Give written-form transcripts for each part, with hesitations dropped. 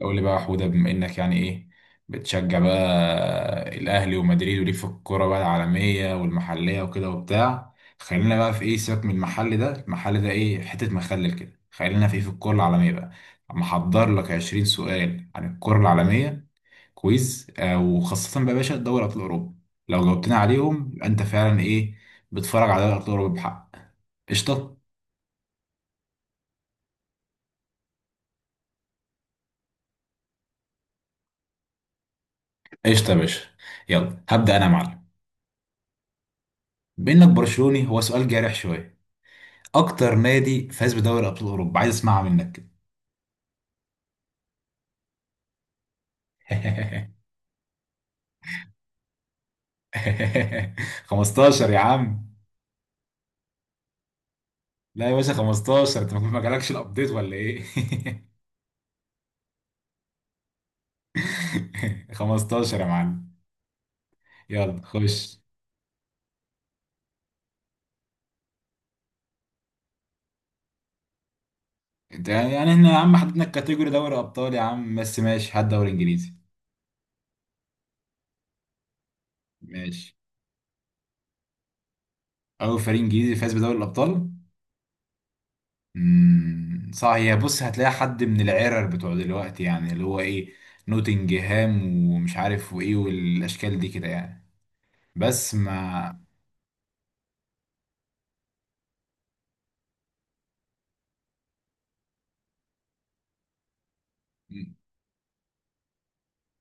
قول لي بقى يا حودة، بما انك يعني ايه، بتشجع بقى الاهلي ومدريد، وليك في الكوره بقى العالميه والمحليه وكده وبتاع. خلينا بقى في ايه، سيبك من المحل ده، المحل ده ايه، حته مخلل كده. خلينا في ايه، في الكوره العالميه بقى. محضر لك 20 سؤال عن الكوره العالميه، كويز. وخاصه بقى يا باشا دوري ابطال اوروبا. لو جاوبتنا عليهم يبقى انت فعلا ايه، بتتفرج على دوري ابطال اوروبا بحق. قشطه. قشطه يا باشا، يلا هبدا انا يا معلم. بانك برشلوني، هو سؤال جارح شويه. اكتر نادي فاز بدوري ابطال اوروبا، عايز اسمعها منك كده. 15 يا عم. لا يا باشا، 15، انت ما جالكش الابديت ولا ايه؟ 15 يا معلم، يلا خش. انت يعني احنا يا عم حددنا الكاتيجوري دوري ابطال يا عم، بس ماشي، هات دوري انجليزي. ماشي. اول فريق انجليزي فاز بدوري الابطال. امم صح. هي بص، هتلاقي حد من العرر بتوع دلوقتي، يعني اللي هو ايه، نوتنجهام ومش عارف وايه والاشكال دي كده يعني. بس مع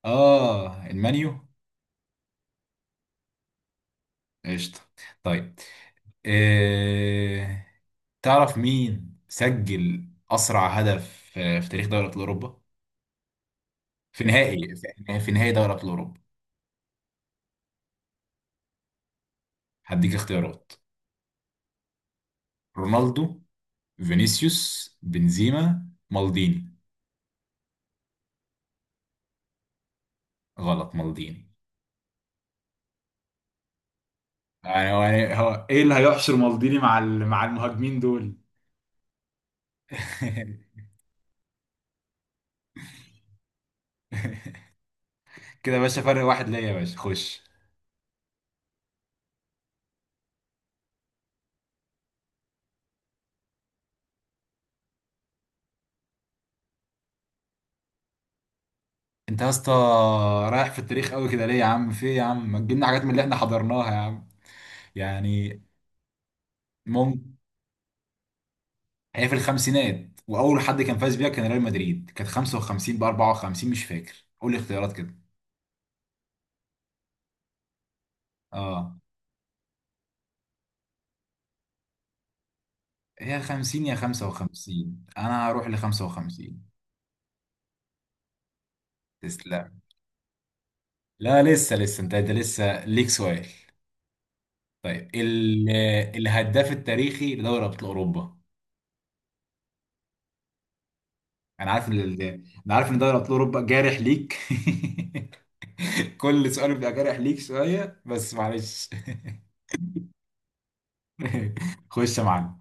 اه المانيو. قشطة. طيب. إيه... تعرف مين سجل أسرع هدف في تاريخ دوري أبطال أوروبا؟ في نهائي، في نهائي دوري أبطال أوروبا. هديك اختيارات: رونالدو، فينيسيوس، بنزيما، مالديني. غلط، مالديني. يعني هو ايه اللي هيحشر مالديني مع مع المهاجمين دول. كده يا باشا، فرق واحد ليا يا باشا، خش. انت يا اسطى رايح في التاريخ قوي كده ليه يا عم، في ايه يا عم، ما تجيبنا حاجات من اللي احنا حضرناها يا عم. يعني ممكن. هي في الخمسينات، واول حد كان فاز بيها كان ريال مدريد، كانت 55 ب 54، مش فاكر، قول لي اختيارات كده. اه، هي 50 يا 55، انا هروح ل 55. تسلم. لا لسه لسه، انت لسه ليك سؤال. طيب الهداف التاريخي لدوري ابطال اوروبا. انا عارف ان ال- انا عارف ان دوري ابطال اوروبا جارح ليك. كل سؤال بيبقى جارح ليك شوية بس معلش. خش يا معلم.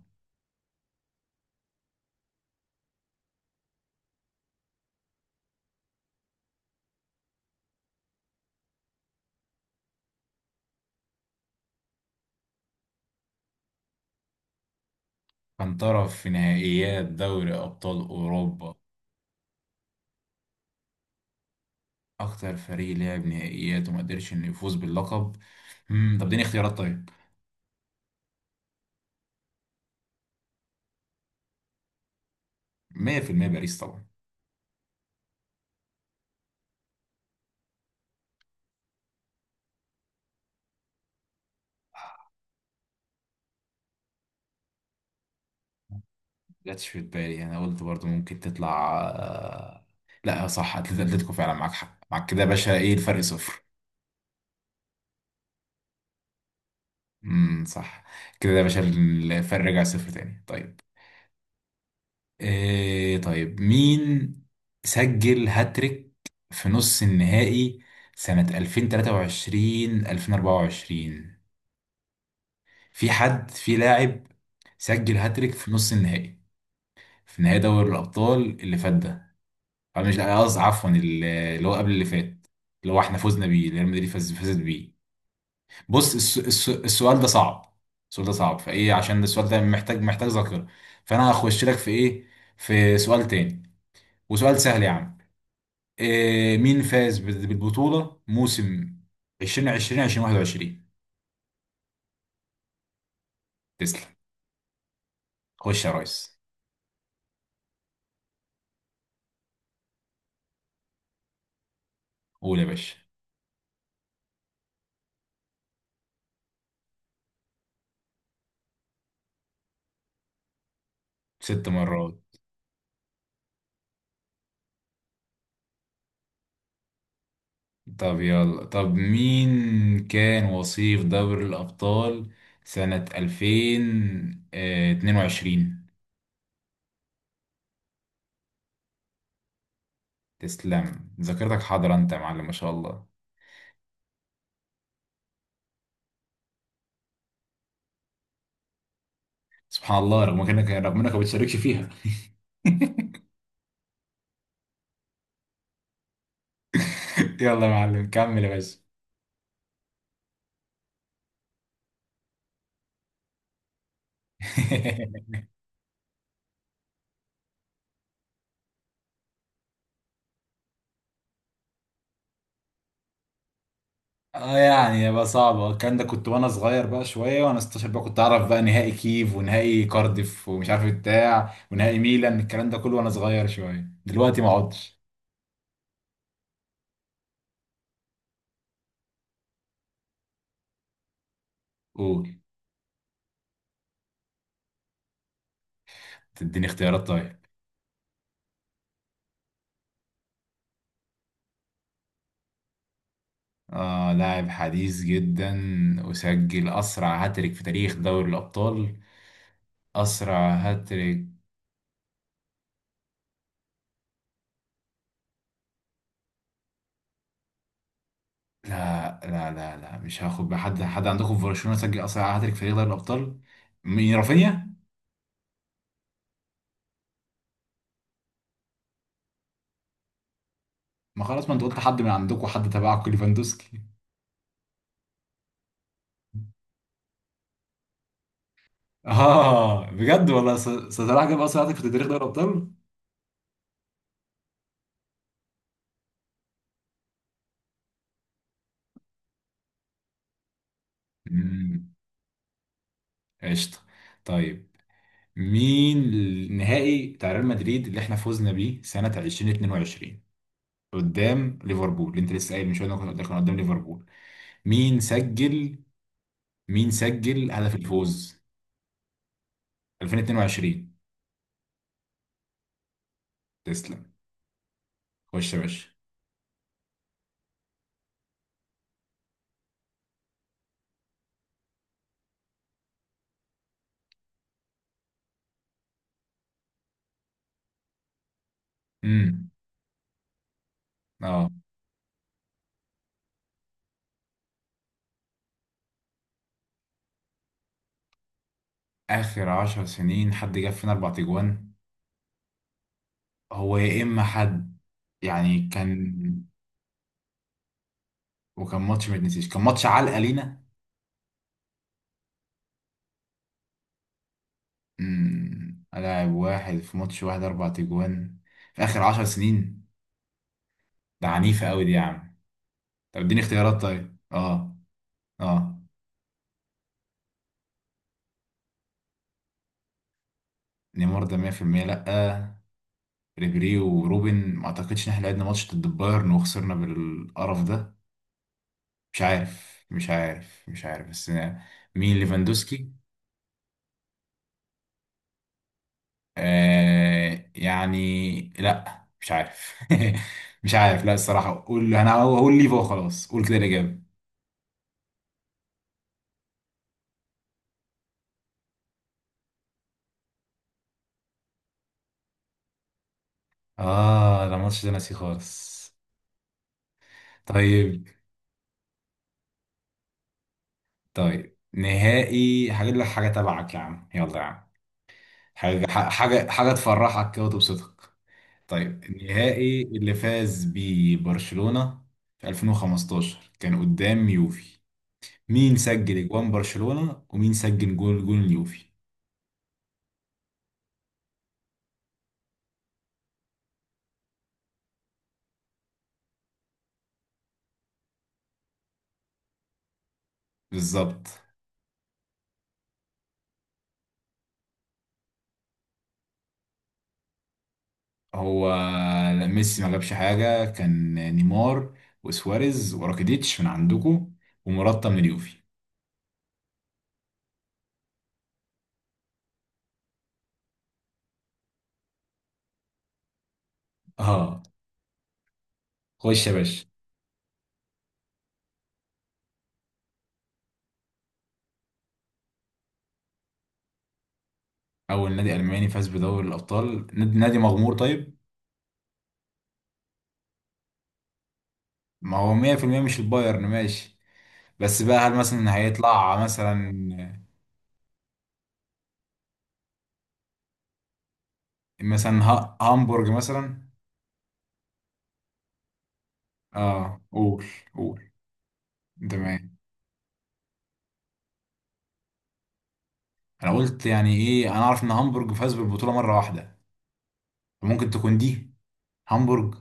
كان طرف في نهائيات دوري أبطال أوروبا. أكتر فريق لعب نهائيات وما قدرش إنه يفوز باللقب. مم. طب اديني اختيارات طيب. 100%، باريس طبعا. ما جاتش في بالي، أنا قلت برضو ممكن تطلع. لا صح، أتلتيكو فعلا، معاك حق، معاك كده يا باشا، إيه الفرق؟ صفر. امم، صح. كده يا باشا الفرق رجع صفر تاني. طيب، طيب، مين سجل هاتريك في نص النهائي سنة 2023 2024؟ في حد في لاعب سجل هاتريك في نص النهائي، في نهائي دوري الأبطال اللي فات ده، أو مش، لا، قصدي عفوا، اللي هو قبل اللي فات، اللي هو احنا فزنا بيه، اللي ريال مدريد فاز فازت بيه. بص السؤال ده صعب. السؤال ده صعب فايه، عشان السؤال ده محتاج ذاكرة. فانا هخش لك في ايه، في سؤال تاني وسؤال سهل يا عم. مين فاز بالبطولة موسم 2020 2021؟ تسلم، خش يا ريس. قول يا باشا. 6 مرات. طب يلا، طب مين كان وصيف دوري الأبطال سنة 2022؟ تسلم، ذاكرتك حاضرة أنت يا معلم، ما شاء الله. سبحان الله، رغم انك ما بتشاركش فيها. يلا يا معلم، كمل يا باشا. اه، يعني يبقى صعب الكلام ده، كنت وانا صغير بقى شويه، وانا 16 بقى كنت اعرف بقى نهائي كيف، ونهائي كارديف، ومش عارف بتاع، ونهائي ميلان، الكلام ده كله وانا صغير شويه، دلوقتي ما اقعدش. قول. تديني اختيارات طيب. اه، لاعب حديث جدا، وسجل اسرع هاتريك في تاريخ دوري الابطال. اسرع هاتريك. لا لا لا لا، مش هاخد بحد، حد عندكم في برشلونه سجل اسرع هاتريك في تاريخ دوري الابطال. مين، رافينيا؟ ما خلاص، ما انت قلت حد من عندكم، حد تبعكم، ليفاندوسكي. اه بجد والله، صلاح جاب اصلا هدف في تاريخ دوري الابطال. امم. قشطه. طيب. مين النهائي بتاع ريال مدريد اللي احنا فوزنا بيه سنه 2022، قدام ليفربول، اللي انت لسه قايل من شويه ده كان قدام ليفربول. مين سجل مين سجل هدف الفوز؟ 2022. تسلم. خش يا باشا. امم. اه، اخر 10 سنين حد جاب فينا 4 تجوان، هو يا اما حد يعني كان، وكان ماتش ما يتنسيش، كان ماتش علقة لينا. لاعب واحد في ماتش واحد، 4 تجوان في اخر 10 سنين، ده عنيفة قوي دي يا عم. طب اديني اختيارات طيب. اه اه، نيمار ده 100% لا. ريبيري وروبن ما اعتقدش ان احنا لعبنا ماتش ضد البايرن وخسرنا بالقرف ده. مش عارف مش عارف مش عارف، بس. مين، ليفاندوسكي؟ يعني لا، مش عارف. مش عارف، لا الصراحة، قول، انا هقول ليفا وخلاص، قول كده الإجابة. اه، ده الماتش ده ناسي خالص. طيب طيب نهائي هجيب لك حاجه تبعك يا عم، يلا يا عم، حاجه تفرحك كده وتبسطك. طيب النهائي اللي فاز بيه برشلونه في 2015، كان قدام يوفي، مين سجل اجوان برشلونه، ومين سجل جول اليوفي؟ بالظبط. هو، لا ميسي ما جابش حاجه، كان نيمار وسواريز وراكيديتش من عندكم، ومراتا من اليوفي. اه، خش يا باشا. أول نادي ألماني فاز بدوري الأبطال، نادي نادي مغمور طيب. ما هو 100% مش البايرن، ماشي، بس بقى هل مثلا هيطلع مثلا، هامبورج مثلا. اه، قول قول. تمام. أنا قلت يعني إيه، أنا أعرف إن هامبورج فاز بالبطولة مرة واحدة، فممكن تكون دي، هامبورج.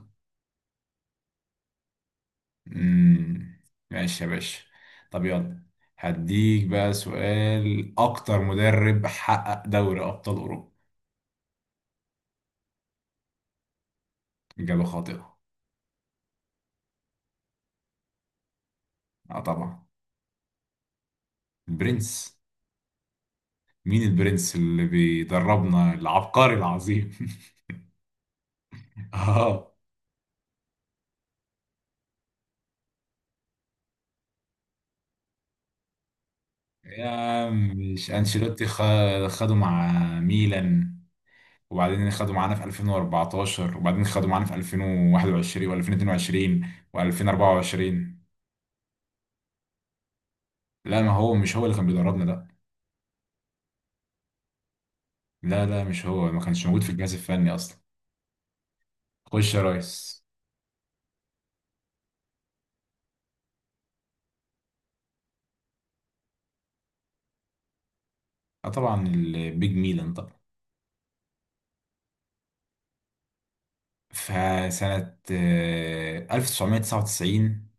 مم. ماشي يا باشا. طب يلا، هديك بقى سؤال، أكتر مدرب حقق دوري أبطال أوروبا. إجابة خاطئة. اه طبعا. برنس. مين البرنس اللي بيدربنا العبقري العظيم؟ اه. يا عم، مش انشيلوتي، خده مع ميلان، وبعدين خده معانا في 2014، وبعدين خده معانا في 2021 و2022 و2024. لا، ما هو مش هو اللي كان بيدربنا ده. لا لا، مش هو، ما كانش موجود في الجهاز الفني اصلا. خش يا ريس. اه طبعا البيج ميلان طبعا. فسنة 1999،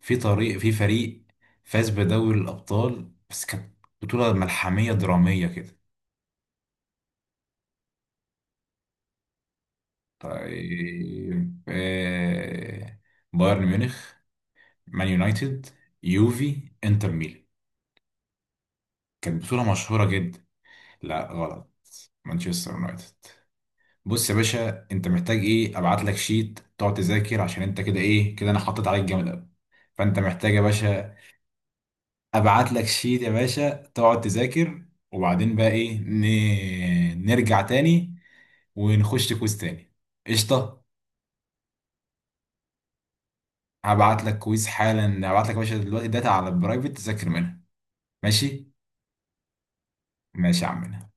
في فريق فاز بدوري الأبطال، بس كانت بطولة ملحمية درامية كده. طيب بايرن ميونخ، مان يونايتد، يوفي، انتر ميلان. كانت بطولة مشهورة جدا. لا غلط. مانشستر يونايتد. بص يا باشا، انت محتاج ايه، ابعت لك شيت تقعد تذاكر، عشان انت كده ايه كده، انا حطيت عليك جامد قوي. فانت محتاج يا باشا ابعت لك شيت يا باشا تقعد تذاكر. وبعدين بقى ايه، نرجع تاني ونخش كويز تاني. قشطه. هبعت لك كويز حالا، هبعت لك يا باشا دلوقتي داتا على البرايفت تذاكر منها. ماشي. ماشي يا عمنا.